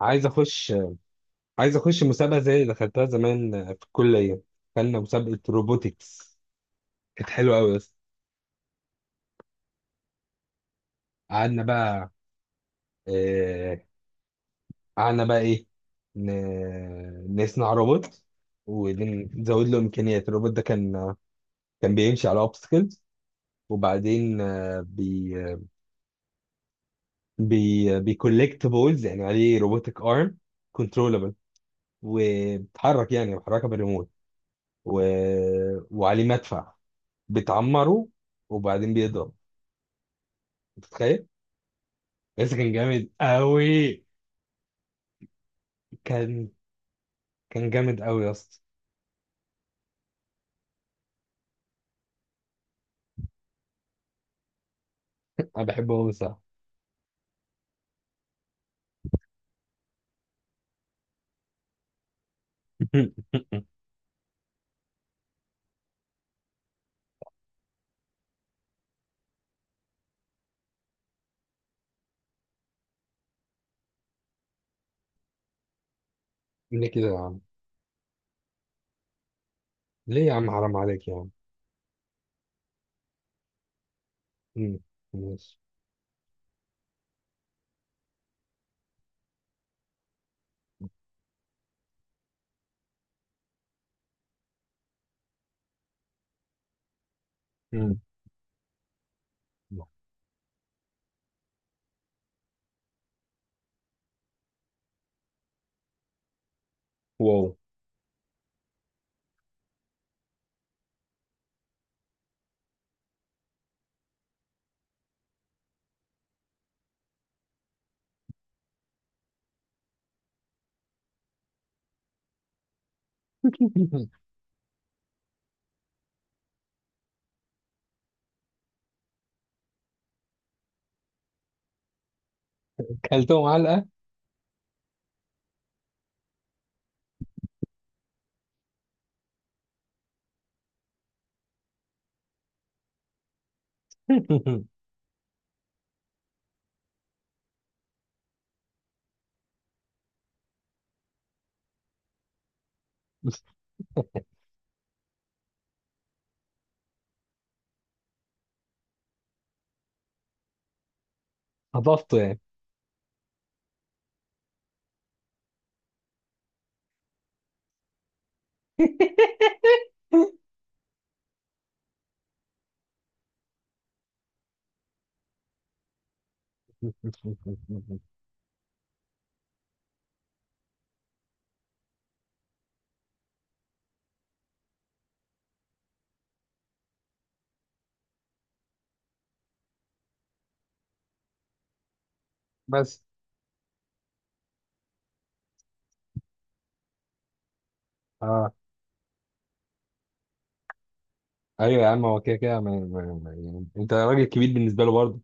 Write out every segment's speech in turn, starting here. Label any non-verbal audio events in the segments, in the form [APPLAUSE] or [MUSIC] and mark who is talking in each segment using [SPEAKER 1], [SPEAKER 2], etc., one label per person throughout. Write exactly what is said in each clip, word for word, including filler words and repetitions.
[SPEAKER 1] عايز اخش عايز اخش مسابقه زي اللي دخلتها زمان في الكليه. دخلنا مسابقه روبوتكس. كانت حلوه قوي. بس قعدنا بقى آه، قعدنا بقى ايه ن- نصنع روبوت ونزود له امكانيات. الروبوت ده كان كان بيمشي على اوبستكلز، وبعدين آه، بي بي بيكولكت بولز، يعني عليه روبوتك ارم كنترولبل، وبيتحرك، يعني بيحركها بالريموت، و... وعليه مدفع بتعمره وبعدين بيضرب. متخيل؟ بس كان جامد قوي. كان كان جامد قوي يا اسطى. انا بحبه قوي. صح. [LAUGHS] ليه كده يا عم؟ ليه يا عم؟ حرام عليك يا عم. مم. ماشي. مم. واو. [LAUGHS] كلتهم علقه. [LAUGHS] هضفته يعني. [LAUGHS] بس. اه. ايوه يا عم، هو كده كده ما- ما- ما- يعني انت راجل كبير بالنسبه له برضه.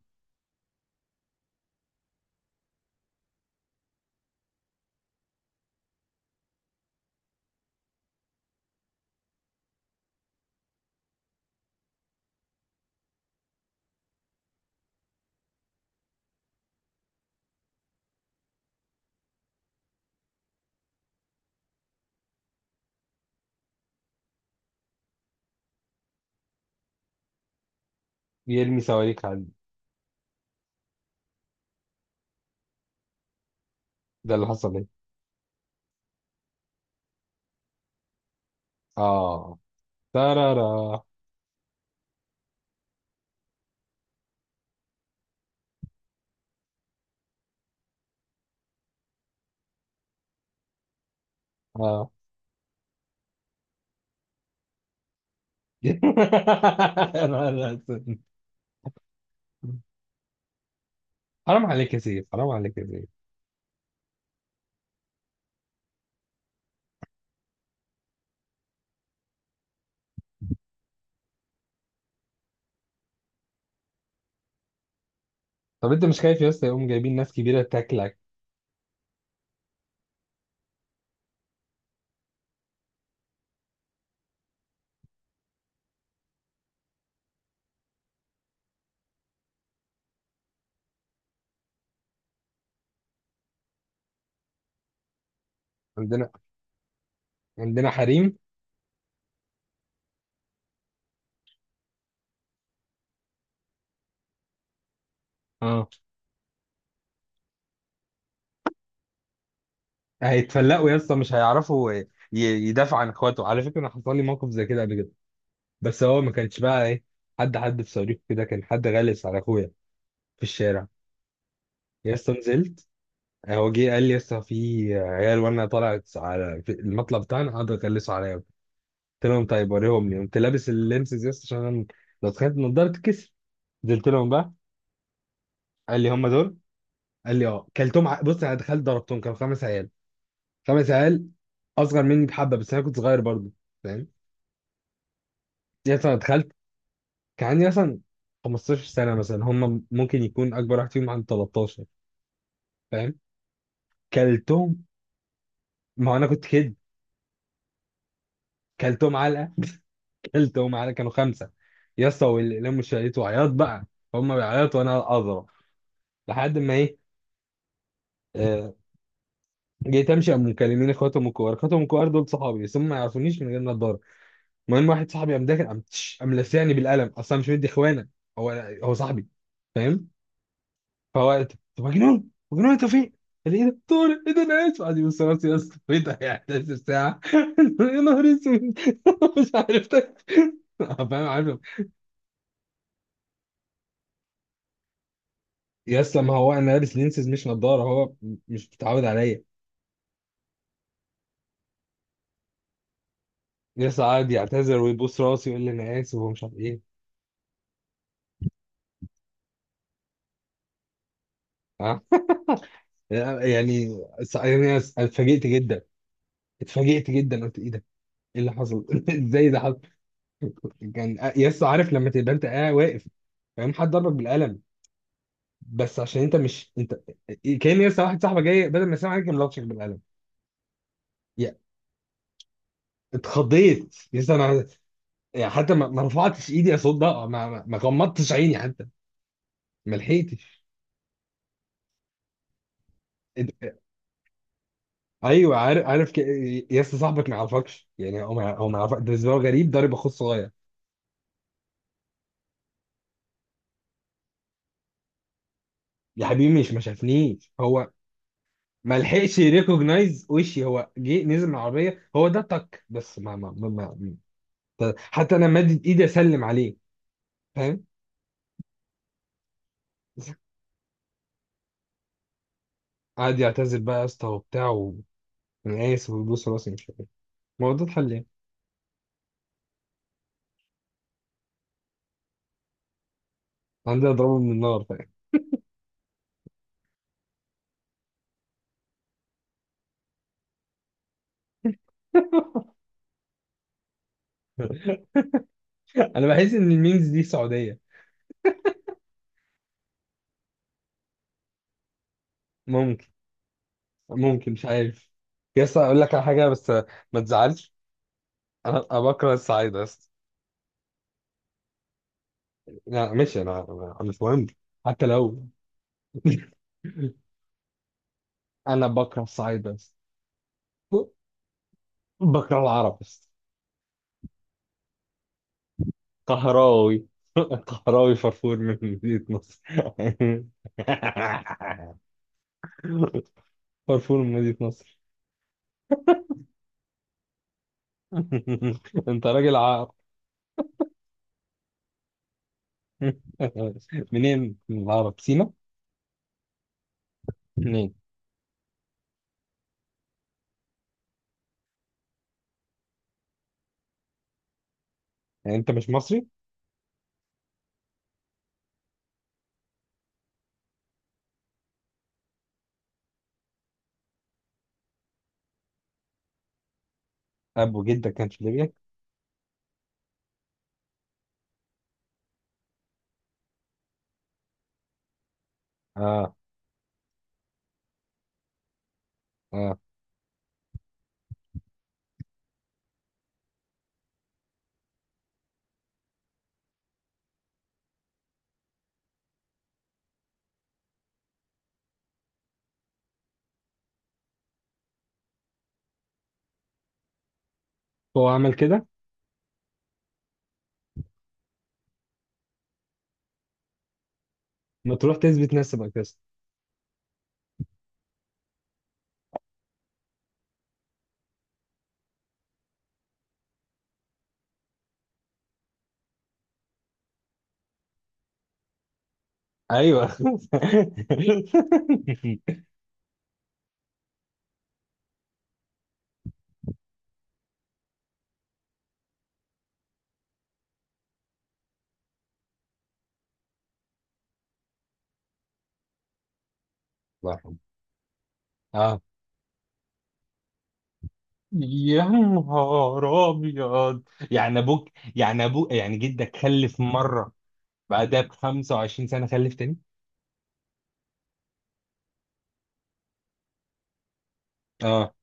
[SPEAKER 1] يرمي صواريخ على، ده اللي حصل ايه. اه. ترارا. اه. [LAUGHS] يا نهار أسود. حرام عليك يا سيف، حرام عليك يا سيف. طب انت مش خايف يا اسطى يقوم جايبين ناس كبيره تاكلك؟ عندنا عندنا حريم. اه. هيتفلقوا يا اسطى، مش هيعرفوا ي- يدافعوا عن اخواته. على فكره انا حصل لي موقف زي كده قبل كده، بس هو ما كانش بقى ايه. حد حد في صديقه كده، كان حد غلس على اخويا في الشارع. يا اسطى نزلت. هو جه قال لي يا اسطى في عيال، وانا طلعت على في المطلب بتاعنا، قعدوا يغلسوا عليا. قلت لهم طيب وريهم لي. قمت لابس اللينسز يا اسطى عشان أنا لو تخيلت النضاره تتكسر. نزلت لهم بقى. قال لي هم دول. قال لي اه. كلتهم ع... بص، انا دخلت ضربتهم، كانوا خمس عيال. خمس عيال اصغر مني بحبه، بس انا كنت صغير برضه، فاهم؟ يعني مثلا دخلت. كان عندي مثلا خمستاشر سنه مثلا. هم ممكن يكون اكبر واحد فيهم عنده تلتاشر. فاهم؟ كلتهم. ما انا كنت كده. كلتهم علقه. كلتهم علقه، كانوا خمسه. يا اسطى واللي لموا الشاليه وعياط بقى. هم بيعيطوا وانا اضرب لحد ما ايه. آه، جيت امشي، قاموا مكلمين اخواتهم الكبار. اخواتهم الكبار دول صحابي، بس هم ما يعرفونيش من غير ما اتضرب. المهم واحد صاحبي قام داخل، قام تش- قام لسعني بالقلم، اصلا مش مدي اخوانا. هو هو صاحبي. فاهم؟ فهو قال، طب مجنون مجنون انت فين؟ قال لي ايه ده؟ طارق ايه ده انا اسف. قعد يبص راسي يا اسطى. [LAUGHS] ايه ده يعني؟ حداشر ساعه. [LAUGHS] يا نهار اسود. [LAUGHS] مش عارف ده. فاهم؟ عارف. يا اسطى ما هو انا لابس لينسز مش نضاره، هو م- مش متعود عليا. يا اسطى قعد يعتذر ويبص راسي ويقول لي انا اسف ومش عارف ايه. ها. يعني، يعني اتفاجئت جدا. اتفاجئت جدا، قلت ايه ده؟ ايه اللي حصل؟ [LAUGHS] ازاي ده؟ كان يس عارف لما تبقى انت قاعد واقف، فاهم؟ حد ضربك بالقلم بس عشان انت مش انت. كان يس واحد صاحبك جاي بدل ما يسلم عليك كان لطشك بالقلم. يا اتخضيت يس انا. يعني حتى ما ما رفعتش ايدي اصد ده، ما ما ما غمضتش عيني حتى. ما لحقتش. ات- ايوه عارف عارف ك... يس صاحبك ما يعرفكش، يعني هو ما هو ما يعرفك، ده بالنسبه له غريب ضارب اخوه الصغير. يا حبيبي مش ما شافنيش هو، ما لحقش يريكوجنايز وشي، هو جه نزل من العربيه هو ده تك، بس ما ما ما, ف- حتى انا مادد ايدي اسلم عليه. فاهم؟ قعد يعتذر بقى يا اسطى وبتاع، وانا اسف ويبوس راسي مش عارف إيه. ما هو ده اتحل ليه. عندي اضربه من النار، فاهم؟ [LAUGHS] انا بحس ان الميمز دي سعوديه. ممكن. ممكن، مش عارف. يا اسطى اقول لك على حاجه بس ما تزعلش. انا أنا بكره الصعيد يا اسطى. لا ماشي، انا أنا أنا مش مهم حتى لو. [LAUGHS] انا بكره الصعيد بس. بكره العرب بس. قهراوي. [LAUGHS] قهراوي فرفور من مدينة نصر. [LAUGHS] فرفور من مدينة نصر. [LAUGHS] انت راجل عرب. [LAUGHS] منين من العرب؟ سينا؟ منين؟ يعني انت مش مصري؟ ابو جدك كان في ليبيا. اه. اه. هو عمل كده؟ ما تروح تثبت نفسك اساسا. ايوه. [LAUGHS] الله يرحمه. اه. يا نهار ابيض. يعني ابوك، يعني ابوك، يعني جدك خلف مره بعدها ب خمسة وعشرين سنة خلف تاني. اه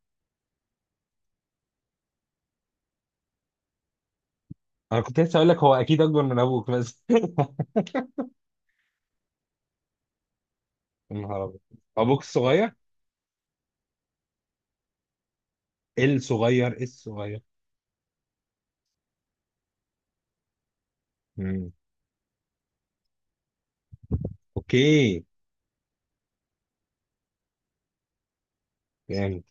[SPEAKER 1] انا كنت لسه اقول لك هو اكيد اكبر من ابوك بس. [LAUGHS] يا نهار ابيض. ابوك الصغير. الصغير الصغير. مم. اوكي. يعني